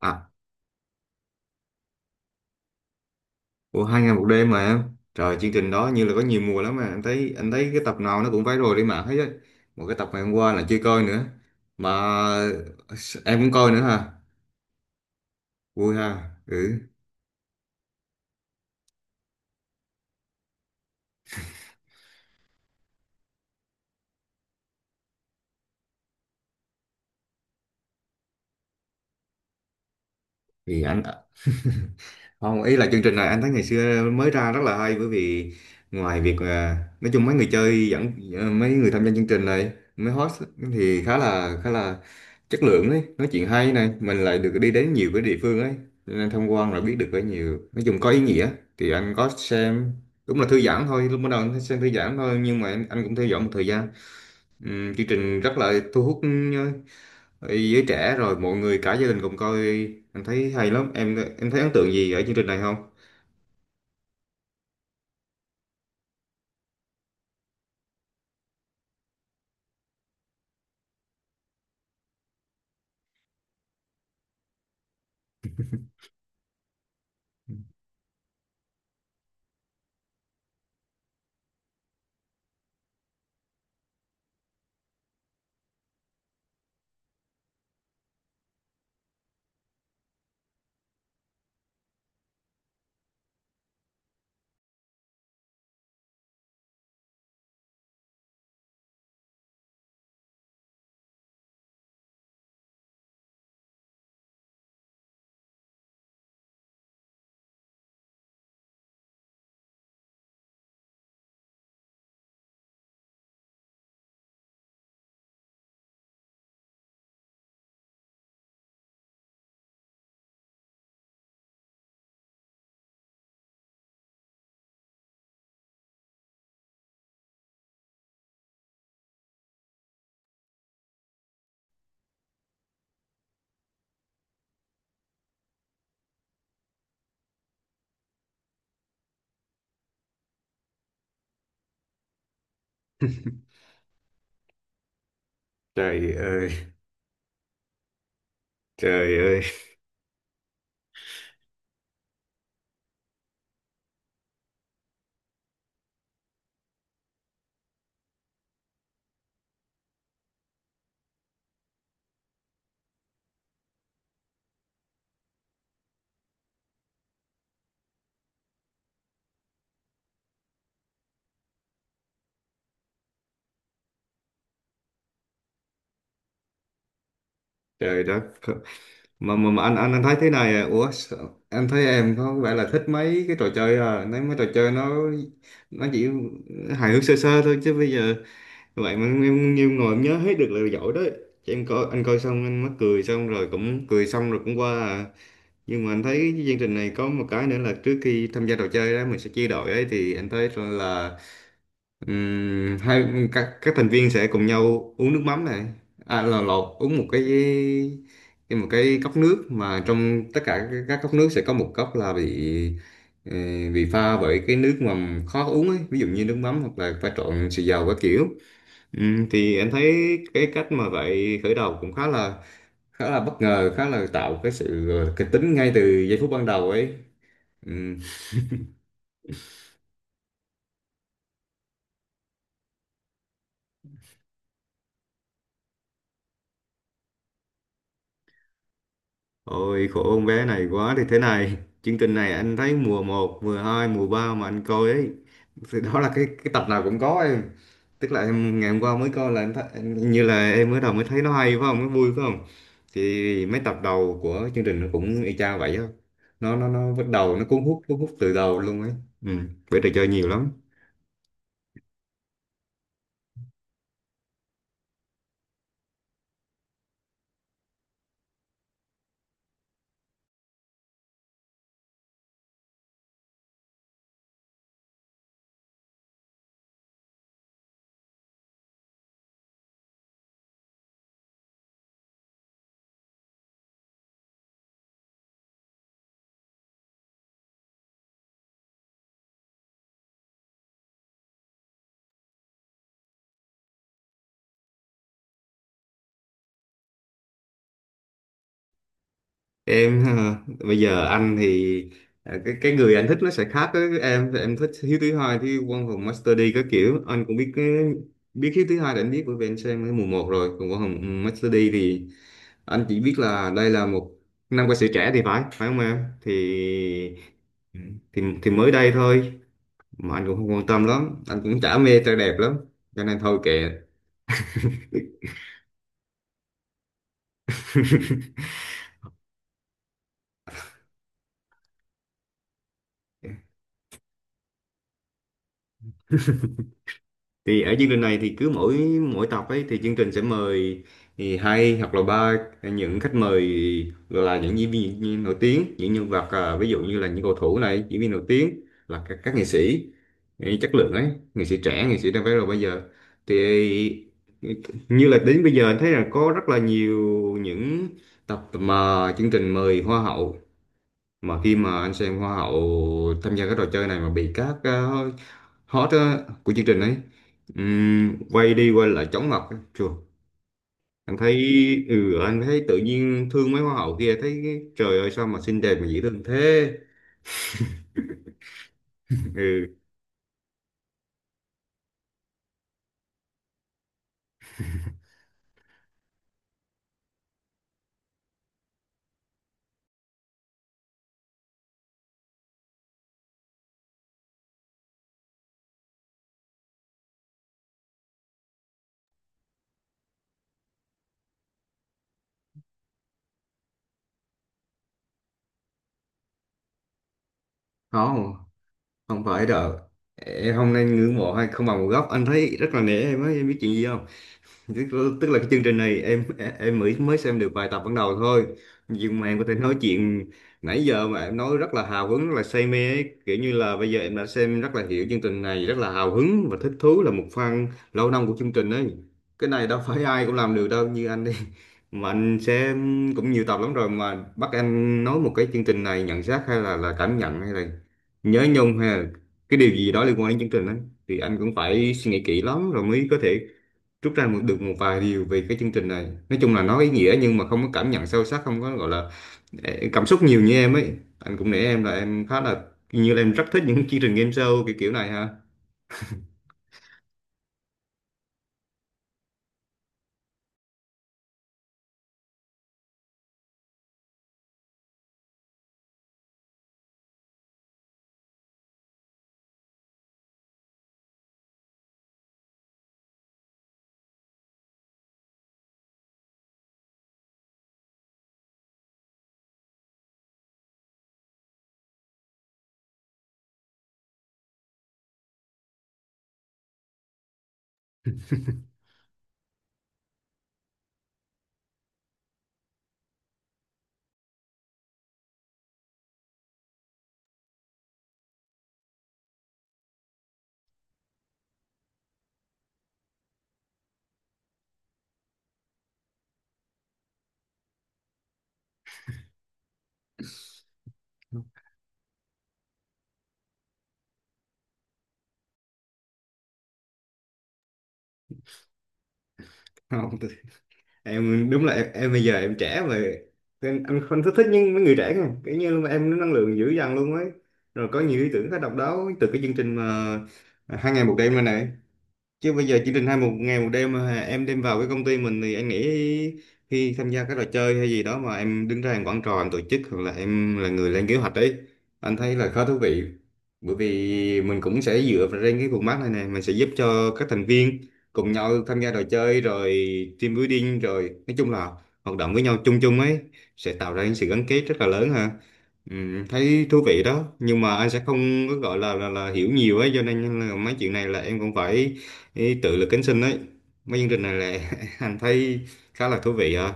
À, ủa hai ngày một đêm mà em. Trời, chương trình đó như là có nhiều mùa lắm mà anh thấy cái tập nào nó cũng viral trên mạng hết á. Một cái tập ngày hôm qua là chưa coi nữa. Mà em cũng coi nữa hả? Vui ha. Ừ. Thì anh Không, ý là chương trình này anh thấy ngày xưa mới ra rất là hay, bởi vì ngoài việc nói chung mấy người chơi dẫn, mấy người tham gia chương trình này, mấy host thì khá là chất lượng ấy, nói chuyện hay này, mình lại được đi đến nhiều cái địa phương ấy. Cho nên tham quan là biết được cái nhiều, nói chung có ý nghĩa, thì anh có xem. Đúng là thư giãn thôi, lúc ban đầu anh thấy xem thư giãn thôi nhưng mà anh cũng theo dõi một thời gian. Chương trình rất là thu hút giới trẻ, rồi mọi người cả gia đình cùng coi, anh thấy hay lắm. Em thấy ấn tượng gì ở chương trình này không? Trời ơi. Trời ơi. Trời đất. Mà anh thấy thế này, à ủa, anh thấy em có vẻ là thích mấy cái trò chơi, à nếu mấy trò chơi nó chỉ hài hước sơ sơ thôi chứ bây giờ vậy mà em nhiều ngồi em nhớ hết được là giỏi đấy. Chứ em coi, anh coi xong anh mắc cười, xong rồi cũng cười xong rồi cũng qua à. Nhưng mà anh thấy cái chương trình này có một cái nữa là trước khi tham gia trò chơi đó mình sẽ chia đội ấy, thì anh thấy là, hai, các thành viên sẽ cùng nhau uống nước mắm này, là lột uống một một cái cốc nước, mà trong tất cả các cốc nước sẽ có một cốc là bị ờ, bị pha bởi cái nước mà khó uống ấy, ví dụ như nước mắm hoặc là pha trộn xì dầu các kiểu. Thì em thấy cái cách mà vậy khởi đầu cũng khá là bất ngờ, khá là tạo cái sự kịch tính ngay từ giây phút ban đầu ấy. Ừm, Ôi khổ con bé này quá, thì thế này, chương trình này anh thấy mùa một, mùa hai, mùa 3 mà anh coi ấy, thì đó là cái tập nào cũng có em, tức là em ngày hôm qua mới coi là em thấy, như là em mới đầu mới thấy nó hay phải không, nó vui phải không, thì mấy tập đầu của chương trình nó cũng y chang vậy á. Nó bắt đầu, nó cuốn hút từ đầu luôn ấy. Ừ, bởi trò chơi nhiều lắm. Em hả? Bây giờ anh thì cái người anh thích nó sẽ khác với Em thích Hiếu Thứ Hai, thì Quân Hùng Master D các kiểu anh cũng biết cái, biết Hiếu Thứ Hai là anh biết bởi vì anh xem cái mùa một rồi, còn Quân Hùng Master D thì anh chỉ biết là đây là một nam ca sĩ trẻ thì phải, phải không em? Thì thì mới đây thôi mà anh cũng không quan tâm lắm, anh cũng chả mê trai đẹp lắm cho nên thôi kệ. Thì ở chương trình này thì cứ mỗi mỗi tập ấy thì chương trình sẽ mời, thì hai hoặc là ba những khách mời, gọi là những diễn viên nổi tiếng, những nhân vật, ví dụ như là những cầu thủ này, diễn viên nổi tiếng, là các nghệ sĩ ý, chất lượng ấy, nghệ sĩ trẻ, nghệ sĩ đang vẽ rồi bây giờ, thì như là đến bây giờ anh thấy là có rất là nhiều những tập mà chương trình mời hoa hậu, mà khi mà anh xem hoa hậu tham gia cái trò chơi này mà bị các, hot á, của chương trình ấy. Quay đi quay lại chóng mặt á chùa. Anh thấy, ừ, anh thấy tự nhiên thương mấy hoa hậu kia, thấy trời ơi sao mà xinh đẹp mà dễ thương thế. Ừ. Không, không phải đâu, em không nên ngưỡng mộ hay không bằng một góc, anh thấy rất là nể em ấy. Em biết chuyện gì không? Tức là cái chương trình này em mới mới xem được vài tập ban đầu thôi, nhưng mà em có thể nói chuyện nãy giờ mà em nói rất là hào hứng, rất là say mê ấy, kiểu như là bây giờ em đã xem rất là hiểu chương trình này, rất là hào hứng và thích thú, là một fan lâu năm của chương trình ấy. Cái này đâu phải ai cũng làm được đâu, như anh đi, mà anh xem cũng nhiều tập lắm rồi, mà bắt anh nói một cái chương trình này nhận xét hay là cảm nhận hay là nhớ nhung hay là cái điều gì đó liên quan đến chương trình ấy thì anh cũng phải suy nghĩ kỹ lắm rồi mới có thể rút ra được một vài điều về cái chương trình này. Nói chung là nó ý nghĩa nhưng mà không có cảm nhận sâu sắc, không có gọi là cảm xúc nhiều như em ấy. Anh cũng nể em là em khá là, như là em rất thích những chương trình game show kiểu kiểu này ha. không tôi- Em đúng là em, bây giờ em trẻ mà em không thích thích những mấy người trẻ kìa, kiểu như là em năng lượng dữ dằn luôn ấy, rồi có nhiều ý tưởng khá độc đáo từ cái chương trình mà, hai ngày một đêm này này, chứ bây giờ chỉ định hai một ngày một đêm mà em đem vào cái công ty mình thì anh nghĩ khi tham gia các trò chơi hay gì đó mà em đứng ra làm quản trò, em tổ chức hoặc là em là người lên kế hoạch ấy, anh thấy là khá thú vị. Bởi vì mình cũng sẽ dựa vào trên cái format này nè, mình sẽ giúp cho các thành viên cùng nhau tham gia trò chơi rồi team building rồi, nói chung là hoạt động với nhau chung chung ấy, sẽ tạo ra những sự gắn kết rất là lớn ha. Thấy thú vị đó, nhưng mà anh sẽ không có gọi là là hiểu nhiều ấy, cho nên là mấy chuyện này là em cũng phải, ý tự lực cánh sinh ấy, mấy chương trình này là anh thấy khá là thú vị à.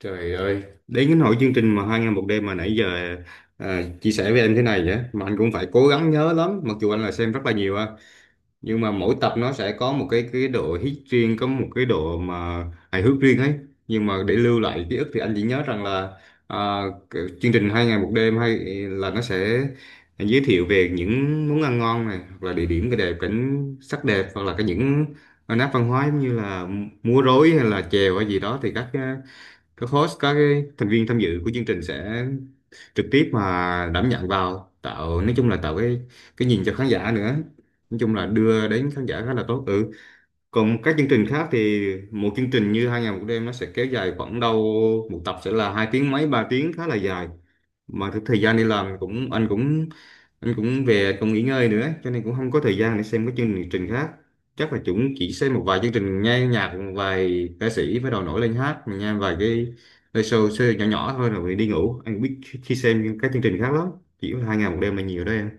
Trời ơi, đến cái nỗi chương trình mà hai ngày một đêm mà nãy giờ chia sẻ với em thế này, vậy mà anh cũng phải cố gắng nhớ lắm, mặc dù anh là xem rất là nhiều, nhưng mà mỗi tập nó sẽ có một cái độ hit riêng, có một cái độ mà hài hước riêng ấy, nhưng mà để lưu lại ký ức thì anh chỉ nhớ rằng là, à, cái chương trình hai ngày một đêm hay là nó sẽ giới thiệu về những món ăn ngon này, hoặc là địa điểm cái đẹp, cảnh sắc đẹp, hoặc là cái những nét văn hóa giống như là múa rối hay là chèo hay gì đó, thì các host, các cái thành viên tham dự của chương trình sẽ trực tiếp mà đảm nhận vào tạo, nói chung là tạo cái nhìn cho khán giả nữa, nói chung là đưa đến khán giả khá là tốt. Ừ. Còn các chương trình khác thì một chương trình như hai ngày một đêm nó sẽ kéo dài khoảng đâu một tập sẽ là hai tiếng mấy, ba tiếng, khá là dài, mà cái thời gian đi làm cũng, anh cũng về còn nghỉ ngơi nữa, cho nên cũng không có thời gian để xem các chương trình khác, chắc là chúng chỉ xem một vài chương trình nghe nhạc, một vài ca sĩ bắt đầu nổi lên hát mình nghe vài cái show nhỏ nhỏ thôi rồi đi ngủ. Anh biết khi xem các chương trình khác lắm, chỉ có hai ngày một đêm là nhiều đấy em.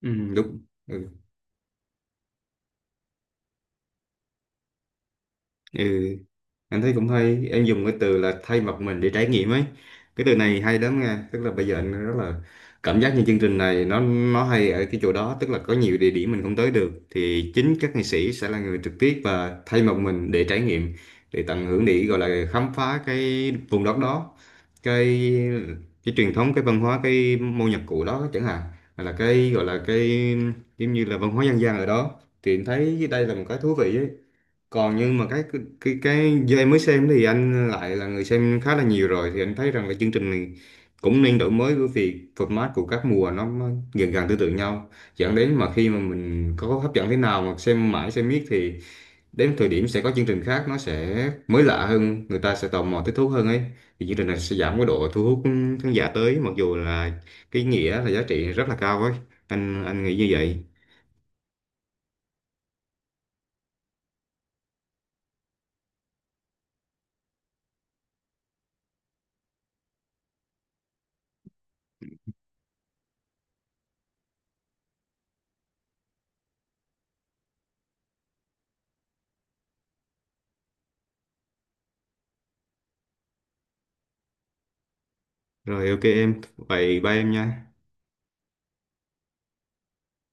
Ừ, đúng. Ừ. Ừ. Anh thấy cũng hay, em dùng cái từ là thay mặt mình để trải nghiệm ấy. Cái từ này hay lắm nha, tức là bây giờ anh rất là cảm giác như chương trình này nó hay ở cái chỗ đó, tức là có nhiều địa điểm mình không tới được thì chính các nghệ sĩ sẽ là người trực tiếp và thay mặt mình để trải nghiệm, để tận hưởng, để gọi là khám phá cái vùng đất đó, cái cái truyền thống, cái văn hóa, cái môn nhạc cụ đó chẳng hạn, hay là cái gọi là cái giống như là văn hóa dân gian ở đó. Thì em thấy đây là một cái thú vị ấy, còn nhưng mà cái do em mới xem thì anh lại là người xem khá là nhiều rồi, thì anh thấy rằng là chương trình này cũng nên đổi mới, bởi vì format của các mùa nó gần gần tương tự nhau, dẫn đến mà khi mà mình có hấp dẫn thế nào mà xem mãi xem miết thì đến thời điểm sẽ có chương trình khác nó sẽ mới lạ hơn, người ta sẽ tò mò thích thú hơn ấy, thì chương trình này sẽ giảm cái độ thu hút khán giả tới, mặc dù là cái nghĩa là giá trị rất là cao ấy, anh nghĩ như vậy. Rồi ok em, vậy bye em nha.